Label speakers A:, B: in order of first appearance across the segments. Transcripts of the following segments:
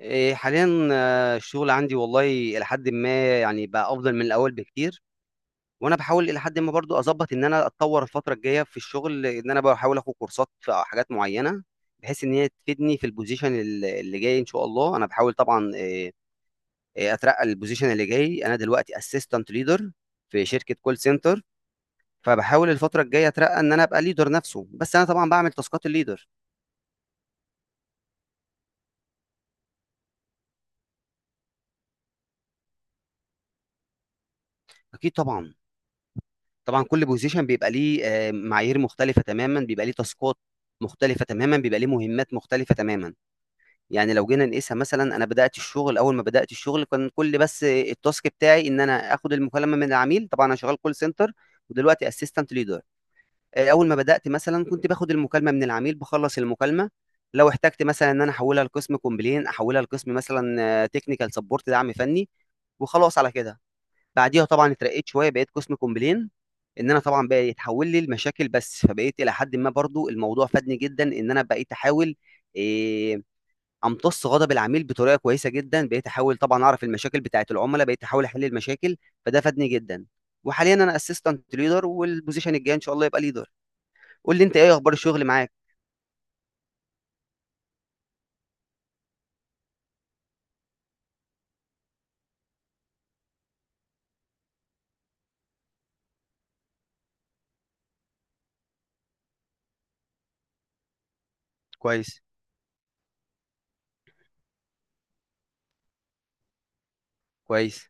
A: إيه، حاليا الشغل عندي والله الى حد ما يعني بقى افضل من الاول بكتير. وانا بحاول الى حد ما برضو اظبط ان انا اتطور الفتره الجايه في الشغل، ان انا بحاول اخد كورسات في حاجات معينه بحيث ان هي تفيدني في البوزيشن اللي جاي ان شاء الله. انا بحاول طبعا إيه، إيه، اترقى البوزيشن اللي جاي. انا دلوقتي اسيستنت ليدر في شركه كول سنتر، فبحاول الفتره الجايه اترقى ان انا ابقى ليدر نفسه، بس انا طبعا بعمل تاسكات الليدر. اكيد طبعا. طبعا كل بوزيشن بيبقى ليه معايير مختلفه تماما، بيبقى ليه تاسكات مختلفه تماما، بيبقى ليه مهمات مختلفه تماما. يعني لو جينا نقيسها، مثلا انا بدات الشغل، اول ما بدات الشغل كان كل بس التاسك بتاعي ان انا اخد المكالمه من العميل، طبعا انا شغال كول سنتر. ودلوقتي اسيستنت ليدر. اول ما بدات مثلا كنت باخد المكالمه من العميل بخلص المكالمه، لو احتجت مثلا ان انا احولها لقسم كومبلين احولها لقسم مثلا تكنيكال سبورت، دعم فني، وخلاص على كده. بعديها طبعا اترقيت شويه، بقيت قسم كومبلين، ان انا طبعا بقى يتحول لي المشاكل بس. فبقيت الى حد ما برضو الموضوع فادني جدا، ان انا بقيت احاول إيه امتص غضب العميل بطريقه كويسه جدا، بقيت احاول طبعا اعرف المشاكل بتاعه العملاء، بقيت احاول احل المشاكل، فده فادني جدا. وحاليا انا اسيستنت ليدر، والبوزيشن الجاي ان شاء الله يبقى ليدر. قول لي انت ايه اخبار الشغل معاك. كويس. كويس.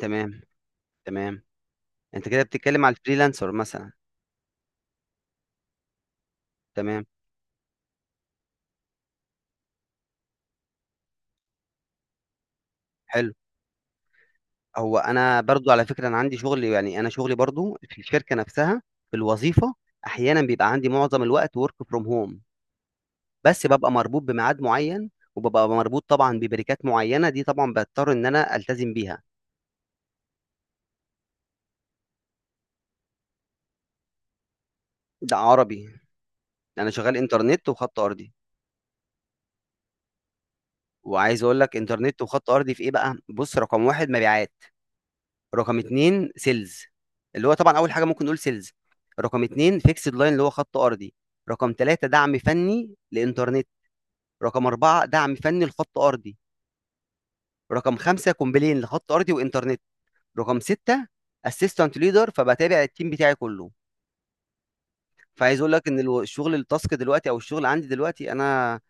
A: تمام. تمام. انت كده بتتكلم على الفريلانسر مثلا؟ تمام. حلو. هو انا برضو على فكره انا عندي شغل، يعني انا شغلي برضو في الشركه نفسها، في الوظيفه. احيانا بيبقى عندي معظم الوقت ورك فروم هوم، بس ببقى مربوط بميعاد معين، وببقى مربوط طبعا ببريكات معينه دي طبعا بضطر ان انا التزم بيها. ده عربي. انا شغال انترنت وخط ارضي. وعايز اقول لك انترنت وخط ارضي في ايه بقى؟ بص، رقم واحد مبيعات، رقم اتنين سيلز، اللي هو طبعا اول حاجه ممكن نقول سيلز. رقم اتنين فيكسد لاين اللي هو خط ارضي. رقم ثلاثة دعم فني لإنترنت. رقم أربعة دعم فني لخط أرضي. رقم خمسة كومبلين لخط أرضي وإنترنت. رقم ستة أسيستنت ليدر، فبتابع التيم بتاعي كله. فعايز أقول لك إن الشغل التاسك دلوقتي أو الشغل عندي دلوقتي أنا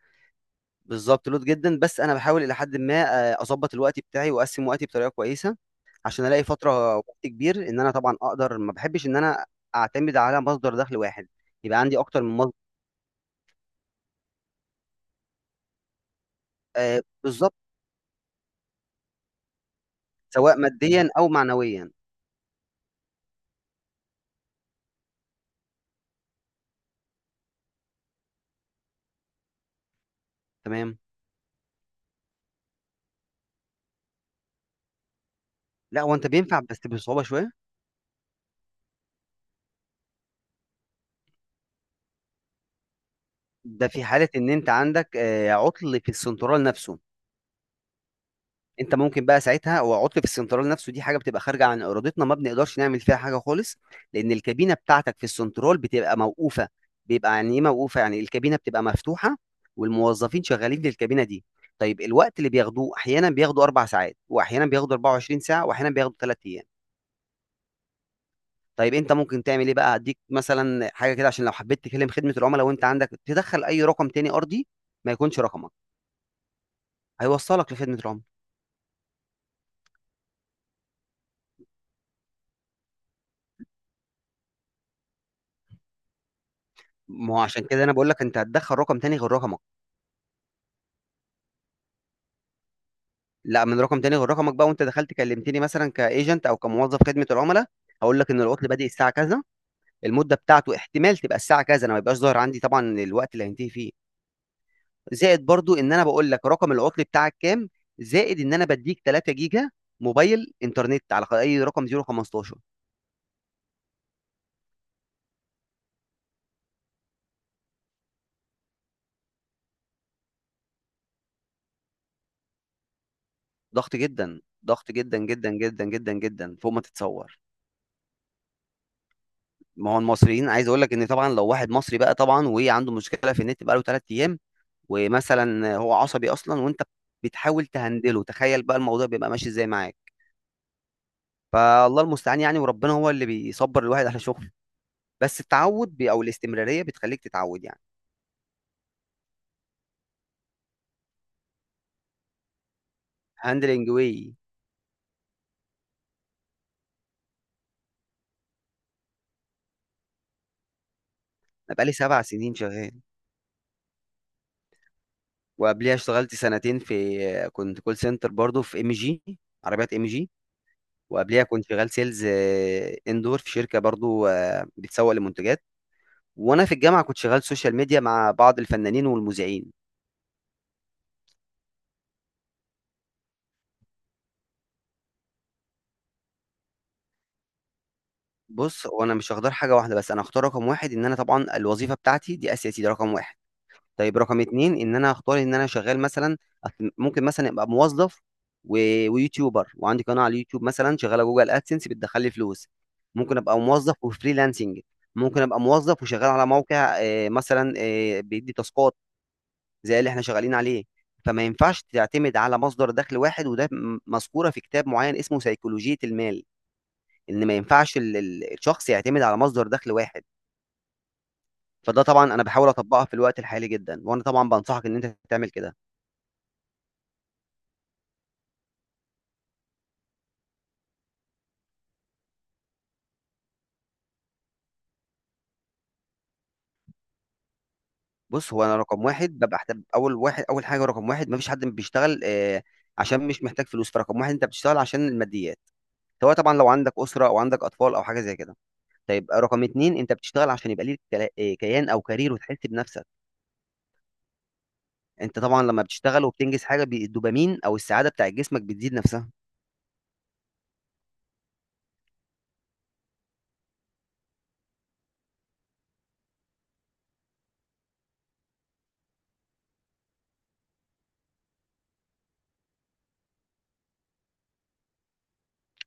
A: بالظبط لود جدا. بس أنا بحاول إلى حد ما أظبط الوقت بتاعي وأقسم وقتي بطريقة كويسة عشان ألاقي فترة وقت كبير إن أنا طبعا أقدر. ما بحبش إن أنا أعتمد على مصدر دخل واحد، يبقى عندي أكتر من مصدر. بالظبط. سواء ماديا أو معنويا. تمام. لا، هو أنت بينفع بس بصعوبة شوية. ده في حالة إن أنت عندك عطل في السنترال نفسه. أنت ممكن بقى ساعتها، هو عطل في السنترال نفسه، دي حاجة بتبقى خارجة عن إرادتنا، ما بنقدرش نعمل فيها حاجة خالص، لأن الكابينة بتاعتك في السنترال بتبقى موقوفة. بيبقى يعني إيه موقوفة؟ يعني الكابينة بتبقى مفتوحة والموظفين شغالين في الكابينة دي. طيب الوقت اللي بياخدوه أحيانا بياخدوا 4 ساعات، وأحيانا بياخدوا 24 ساعة، وأحيانا بياخدوا 3 أيام. طيب أنت ممكن تعمل إيه بقى؟ هديك مثلا حاجة كده، عشان لو حبيت تكلم خدمة العملاء وأنت عندك، تدخل أي رقم تاني أرضي ما يكونش رقمك، هيوصلك لخدمة العملاء. ما هو عشان كده انا بقول لك انت هتدخل رقم تاني غير رقمك. لا، من رقم تاني غير رقمك بقى، وانت دخلت كلمتني مثلا كايجنت او كموظف خدمه العملاء، هقول لك ان العطل بادئ الساعه كذا، المده بتاعته احتمال تبقى الساعه كذا، انا ما يبقاش ظاهر عندي طبعا الوقت اللي هينتهي فيه. زائد برضو ان انا بقول لك رقم العطل بتاعك كام. زائد ان انا بديك 3 جيجا موبايل انترنت على اي رقم 015. ضغط جدا. ضغط جدا جدا جدا جدا جدا فوق ما تتصور. ما هو المصريين عايز اقول لك ان طبعا لو واحد مصري بقى، طبعا وعنده مشكله في النت، بقى له 3. ومثلا هو عصبي اصلا، وانت بتحاول تهندله، تخيل بقى الموضوع بيبقى ماشي ازاي معاك. فالله المستعان يعني، وربنا هو اللي بيصبر الواحد على شغله. بس التعود او الاستمراريه بتخليك تتعود يعني. هاندلنج واي. انا بقالي 7 سنين شغال. وقبليها اشتغلت سنتين في كنت كول سنتر برضو في ام جي. عربيات ام جي. وقبليها كنت شغال سيلز اندور في شركه برضو بتسوق لمنتجات. وانا في الجامعه كنت شغال سوشيال ميديا مع بعض الفنانين والمذيعين. بص هو انا مش هختار حاجه واحده، بس انا هختار رقم واحد، ان انا طبعا الوظيفه بتاعتي دي اساسي، ده رقم واحد. طيب رقم اتنين، ان انا هختار ان انا شغال مثلا ممكن مثلا ابقى موظف و... ويوتيوبر وعندي قناه على اليوتيوب مثلا شغاله جوجل ادسنس بتدخل لي فلوس. ممكن ابقى موظف وفريلانسنج. ممكن ابقى موظف وشغال على موقع مثلا بيدي تاسكات زي اللي احنا شغالين عليه. فما ينفعش تعتمد على مصدر دخل واحد، وده مذكوره في كتاب معين اسمه سيكولوجيه المال، ان ما ينفعش الشخص يعتمد على مصدر دخل واحد. فده طبعا انا بحاول اطبقها في الوقت الحالي جدا، وانا طبعا بنصحك ان انت تعمل كده. بص هو انا رقم واحد ببقى أحتب اول واحد، اول حاجه رقم واحد مفيش حد بيشتغل عشان مش محتاج فلوس، فرقم واحد انت بتشتغل عشان الماديات، سواء طبعا لو عندك اسره او عندك اطفال او حاجه زي كده. طيب رقم اتنين، انت بتشتغل عشان يبقى ليك كيان او كارير وتحس بنفسك. انت طبعا لما بتشتغل وبتنجز حاجه الدوبامين او السعاده بتاع جسمك بتزيد نفسها.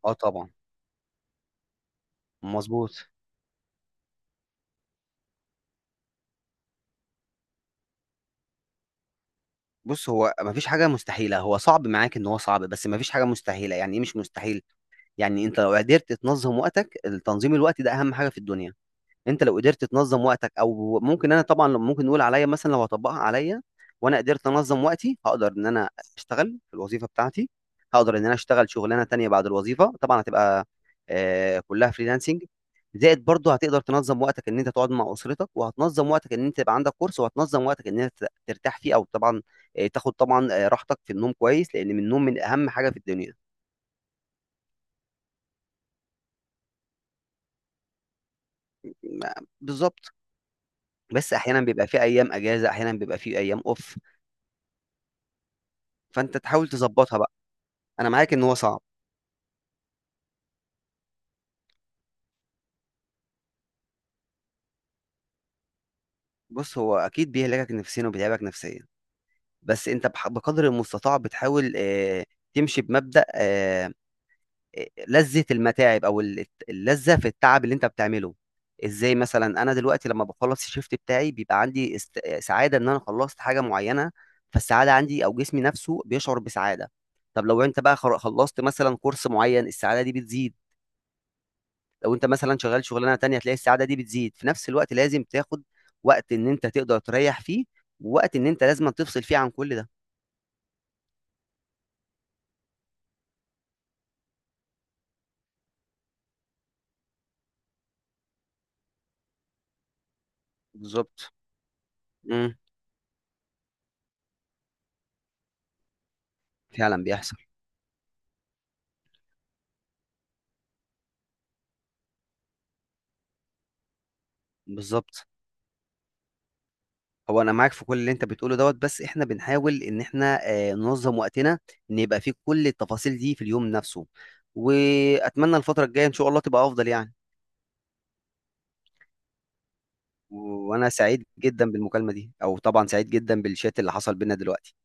A: اه طبعا. مظبوط. بص هو مفيش حاجة مستحيلة، هو صعب، معاك ان هو صعب، بس مفيش حاجة مستحيلة. يعني ايه مش مستحيل؟ يعني انت لو قدرت تنظم وقتك، التنظيم الوقت ده اهم حاجة في الدنيا. انت لو قدرت تنظم وقتك، او ممكن انا طبعا لو ممكن نقول عليا، مثلا لو هطبقها عليا وانا قدرت انظم وقتي، هقدر ان انا اشتغل في الوظيفه بتاعتي، هقدر ان انا اشتغل شغلانه تانية بعد الوظيفه، طبعا هتبقى كلها فريلانسنج. زائد برضه هتقدر تنظم وقتك ان انت تقعد مع اسرتك، وهتنظم وقتك ان انت يبقى عندك كورس، وهتنظم وقتك ان انت ترتاح فيه، او طبعا تاخد طبعا راحتك في النوم كويس، لان من النوم من اهم حاجه في الدنيا. ما- بالظبط. بس احيانا بيبقى في ايام اجازه، احيانا بيبقى في ايام اوف. فانت تحاول تظبطها بقى. انا معاك ان هو صعب. بص هو اكيد بيهلكك نفسيا وبيتعبك نفسيا. بس انت بقدر المستطاع بتحاول تمشي بمبدأ لذة المتاعب او اللذة في التعب اللي انت بتعمله. ازاي مثلا انا دلوقتي لما بخلص الشيفت بتاعي بيبقى عندي سعادة ان انا خلصت حاجة معينة، فالسعادة عندي او جسمي نفسه بيشعر بسعادة. طب لو انت بقى خلصت مثلا كورس معين، السعادة دي بتزيد. لو انت مثلا شغال شغلانه تانية هتلاقي السعاده دي بتزيد. في نفس الوقت لازم تاخد وقت ان انت تقدر تريح فيه، ووقت ان انت لازم تفصل فيه عن كل ده. بالظبط. امم. فعلا بيحصل. بالظبط. هو انا معاك في كل اللي انت بتقوله دوت، بس احنا بنحاول ان احنا ننظم وقتنا، ان يبقى فيه كل التفاصيل دي في اليوم نفسه. واتمنى الفتره الجايه ان شاء الله تبقى افضل يعني. وانا سعيد جدا بالمكالمه دي، او طبعا سعيد جدا بالشات اللي حصل بينا دلوقتي.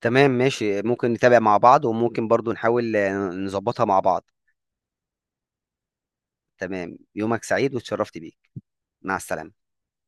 A: تمام ماشي، ممكن نتابع مع بعض، وممكن برضو نحاول نظبطها مع بعض. تمام، يومك سعيد واتشرفت بيك. مع السلامة.